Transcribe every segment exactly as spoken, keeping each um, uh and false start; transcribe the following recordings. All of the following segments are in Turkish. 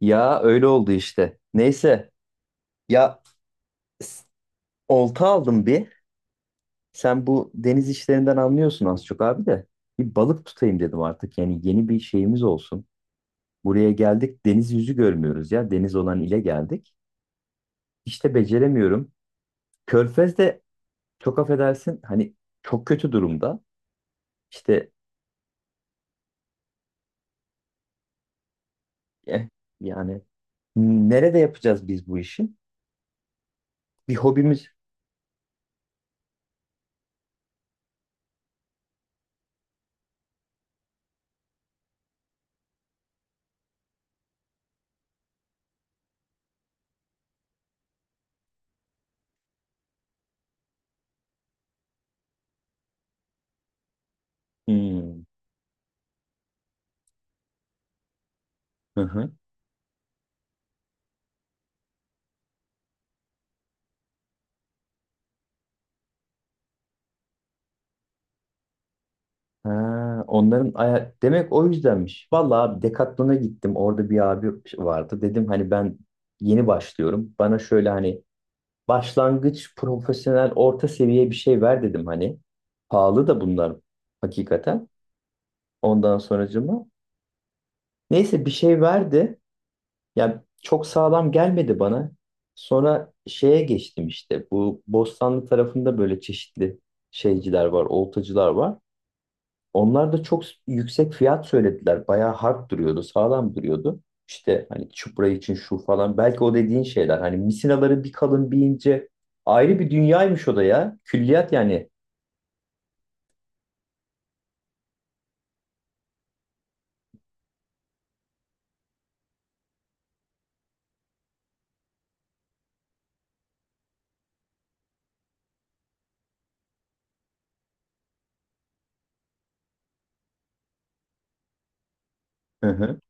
Ya öyle oldu işte. Neyse ya s- olta aldım bir. Sen bu deniz işlerinden anlıyorsun az çok abi de. Bir balık tutayım dedim artık. Yani yeni bir şeyimiz olsun. Buraya geldik deniz yüzü görmüyoruz ya. Deniz olan ile geldik. İşte beceremiyorum. Körfez de çok affedersin hani çok kötü durumda. İşte eh, yani nerede yapacağız biz bu işi? Bir hobimiz. Hmm. Hı hı. Ha, onların aya demek o yüzdenmiş. Vallahi abi Decathlon'a gittim. Orada bir abi vardı. Dedim hani ben yeni başlıyorum. Bana şöyle hani başlangıç, profesyonel, orta seviye bir şey ver dedim hani. Pahalı da bunlar hakikaten. Ondan sonracıma. Neyse bir şey verdi. Ya çok sağlam gelmedi bana. Sonra şeye geçtim işte. Bu Bostanlı tarafında böyle çeşitli şeyciler var, oltacılar var. Onlar da çok yüksek fiyat söylediler. Bayağı hard duruyordu, sağlam duruyordu. İşte hani çupra için şu falan. Belki o dediğin şeyler. Hani misinaları bir kalın bir ince. Ayrı bir dünyaymış o da ya. Külliyat yani. Hı hı.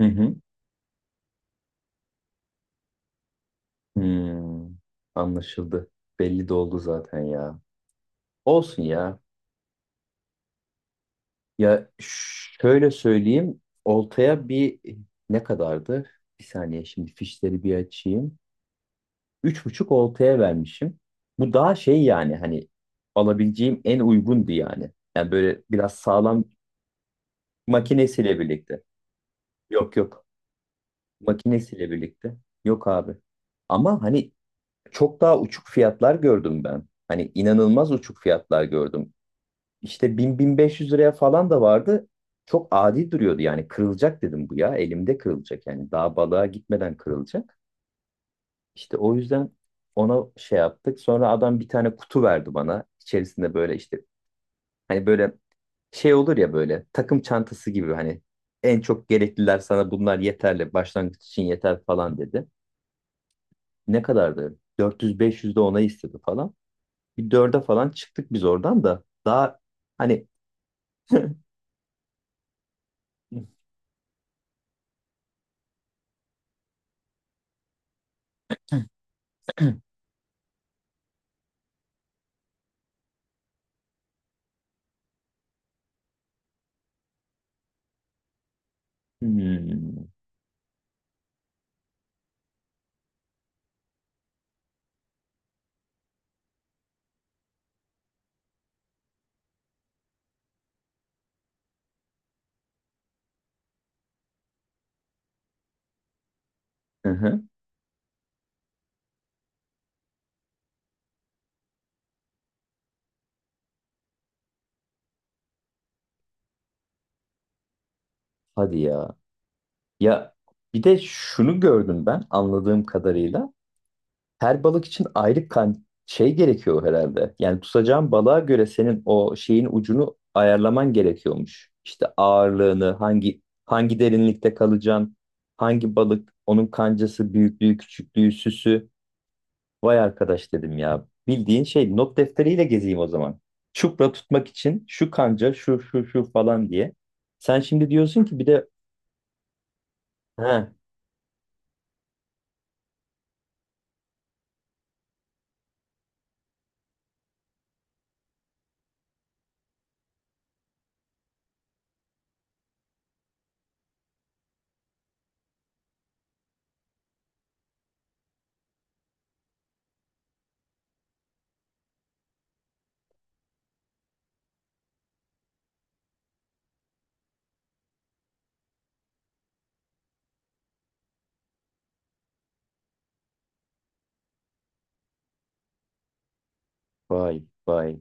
Hı hı. Hmm. Anlaşıldı. Belli de oldu zaten ya. Olsun ya. Ya şöyle söyleyeyim. Oltaya bir ne kadardı? Bir saniye şimdi fişleri bir açayım. Üç buçuk oltaya vermişim. Bu daha şey yani hani alabileceğim en uygundu yani. Yani böyle biraz sağlam makinesiyle birlikte. Yok yok. Makinesiyle birlikte. Yok abi. Ama hani çok daha uçuk fiyatlar gördüm ben. Hani inanılmaz uçuk fiyatlar gördüm. İşte bin bin beş yüz liraya falan da vardı. Çok adi duruyordu yani kırılacak dedim bu ya. Elimde kırılacak yani daha balığa gitmeden kırılacak. İşte o yüzden ona şey yaptık. Sonra adam bir tane kutu verdi bana. İçerisinde böyle işte hani böyle şey olur ya böyle takım çantası gibi hani en çok gerekliler sana bunlar yeterli başlangıç için yeter falan dedi. Ne kadardı? dört yüz beş yüz de ona istedi falan. Bir dörde falan çıktık biz oradan da daha hani hmm, hı hı, hadi ya. Ya bir de şunu gördüm ben anladığım kadarıyla. Her balık için ayrı kan şey gerekiyor herhalde. Yani tutacağın balığa göre senin o şeyin ucunu ayarlaman gerekiyormuş. İşte ağırlığını, hangi hangi derinlikte kalacaksın, hangi balık, onun kancası, büyüklüğü, küçüklüğü, süsü. Vay arkadaş dedim ya. Bildiğin şey not defteriyle gezeyim o zaman. Çupra tutmak için şu kanca, şu şu şu falan diye. Sen şimdi diyorsun ki bir de he, vay vay.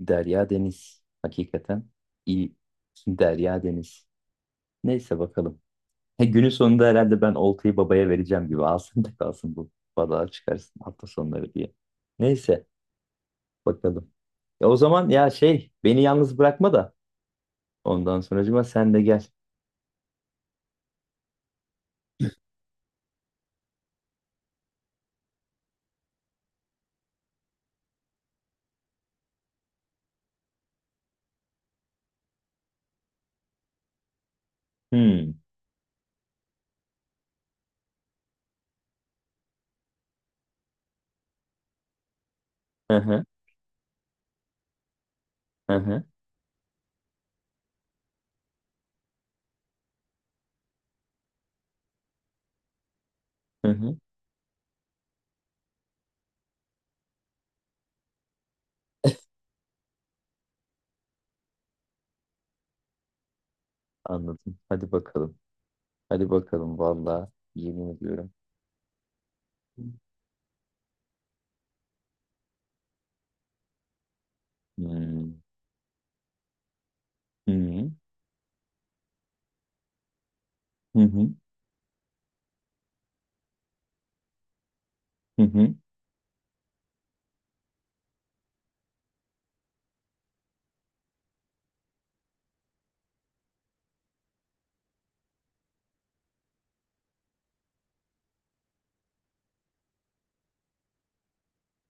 Derya Deniz. Hakikaten iyi. Derya Deniz. Neyse bakalım. He, günün sonunda herhalde ben oltayı babaya vereceğim gibi. Alsın da kalsın bu. Balığa çıkarsın hafta sonları diye. Neyse bakalım. Ya o zaman ya şey beni yalnız bırakma da. Ondan sonracıma sen de gel. Hmm. Hı hı. Hı hı. Hı hı. Anladım. Hadi bakalım. Hadi bakalım. Vallahi yemin ediyorum. Hmm. Hmm. Hı hı. Hı hı.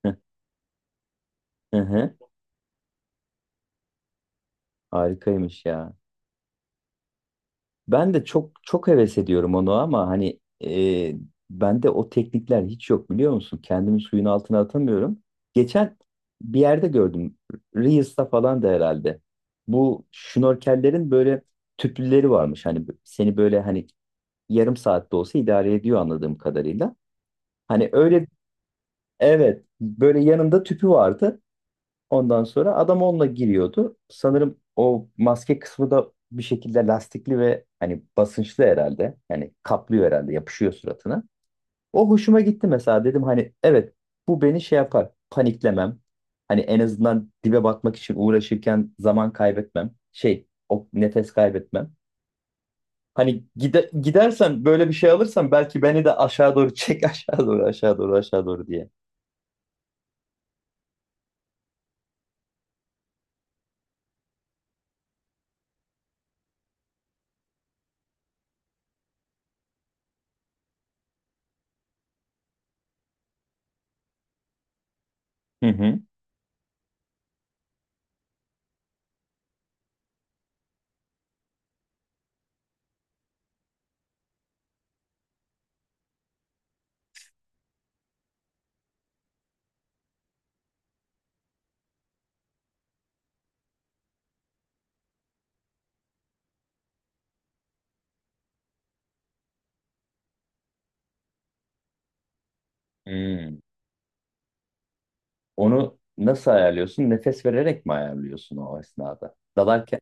Hı hı. Hı hı. Harikaymış ya. Ben de çok çok heves ediyorum onu ama hani e, bende o teknikler hiç yok biliyor musun? Kendimi suyun altına atamıyorum. Geçen bir yerde gördüm. Reels'ta falan da herhalde. Bu şnorkellerin böyle tüplüleri varmış. Hani seni böyle hani yarım saatte olsa idare ediyor anladığım kadarıyla. Hani öyle evet böyle yanında tüpü vardı. Ondan sonra adam onunla giriyordu. Sanırım o maske kısmı da bir şekilde lastikli ve hani basınçlı herhalde. Yani kaplıyor herhalde, yapışıyor suratına. O hoşuma gitti mesela. Dedim hani evet bu beni şey yapar, paniklemem. Hani en azından dibe batmak için uğraşırken zaman kaybetmem. Şey, o nefes kaybetmem. Hani gide, gidersen böyle bir şey alırsan belki beni de aşağı doğru çek aşağı doğru aşağı doğru aşağı doğru diye. Hı hı. Hmm. Onu nasıl ayarlıyorsun? Nefes vererek mi ayarlıyorsun o esnada? Dalarken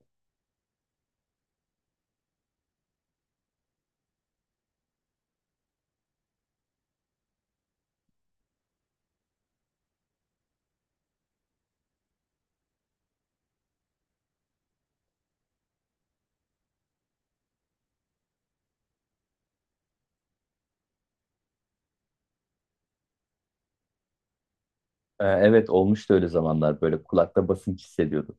Ee, evet olmuştu öyle zamanlar böyle kulakta basınç hissediyordum.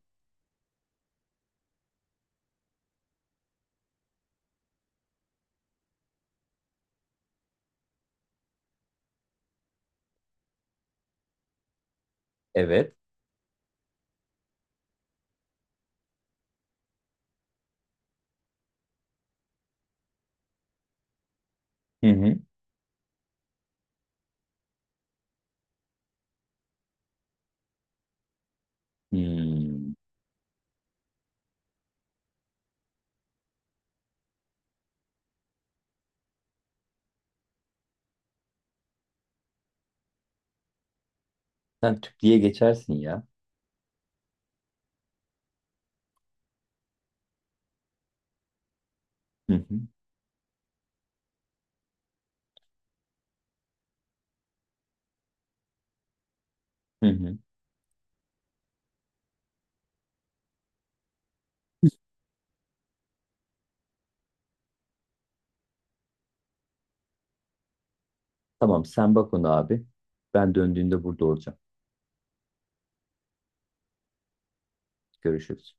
Evet. Hı hı. Hmm. Sen tüp diye geçersin ya. Hı hı. Hı hı. Tamam sen bak onu abi. Ben döndüğümde burada olacağım. Görüşürüz.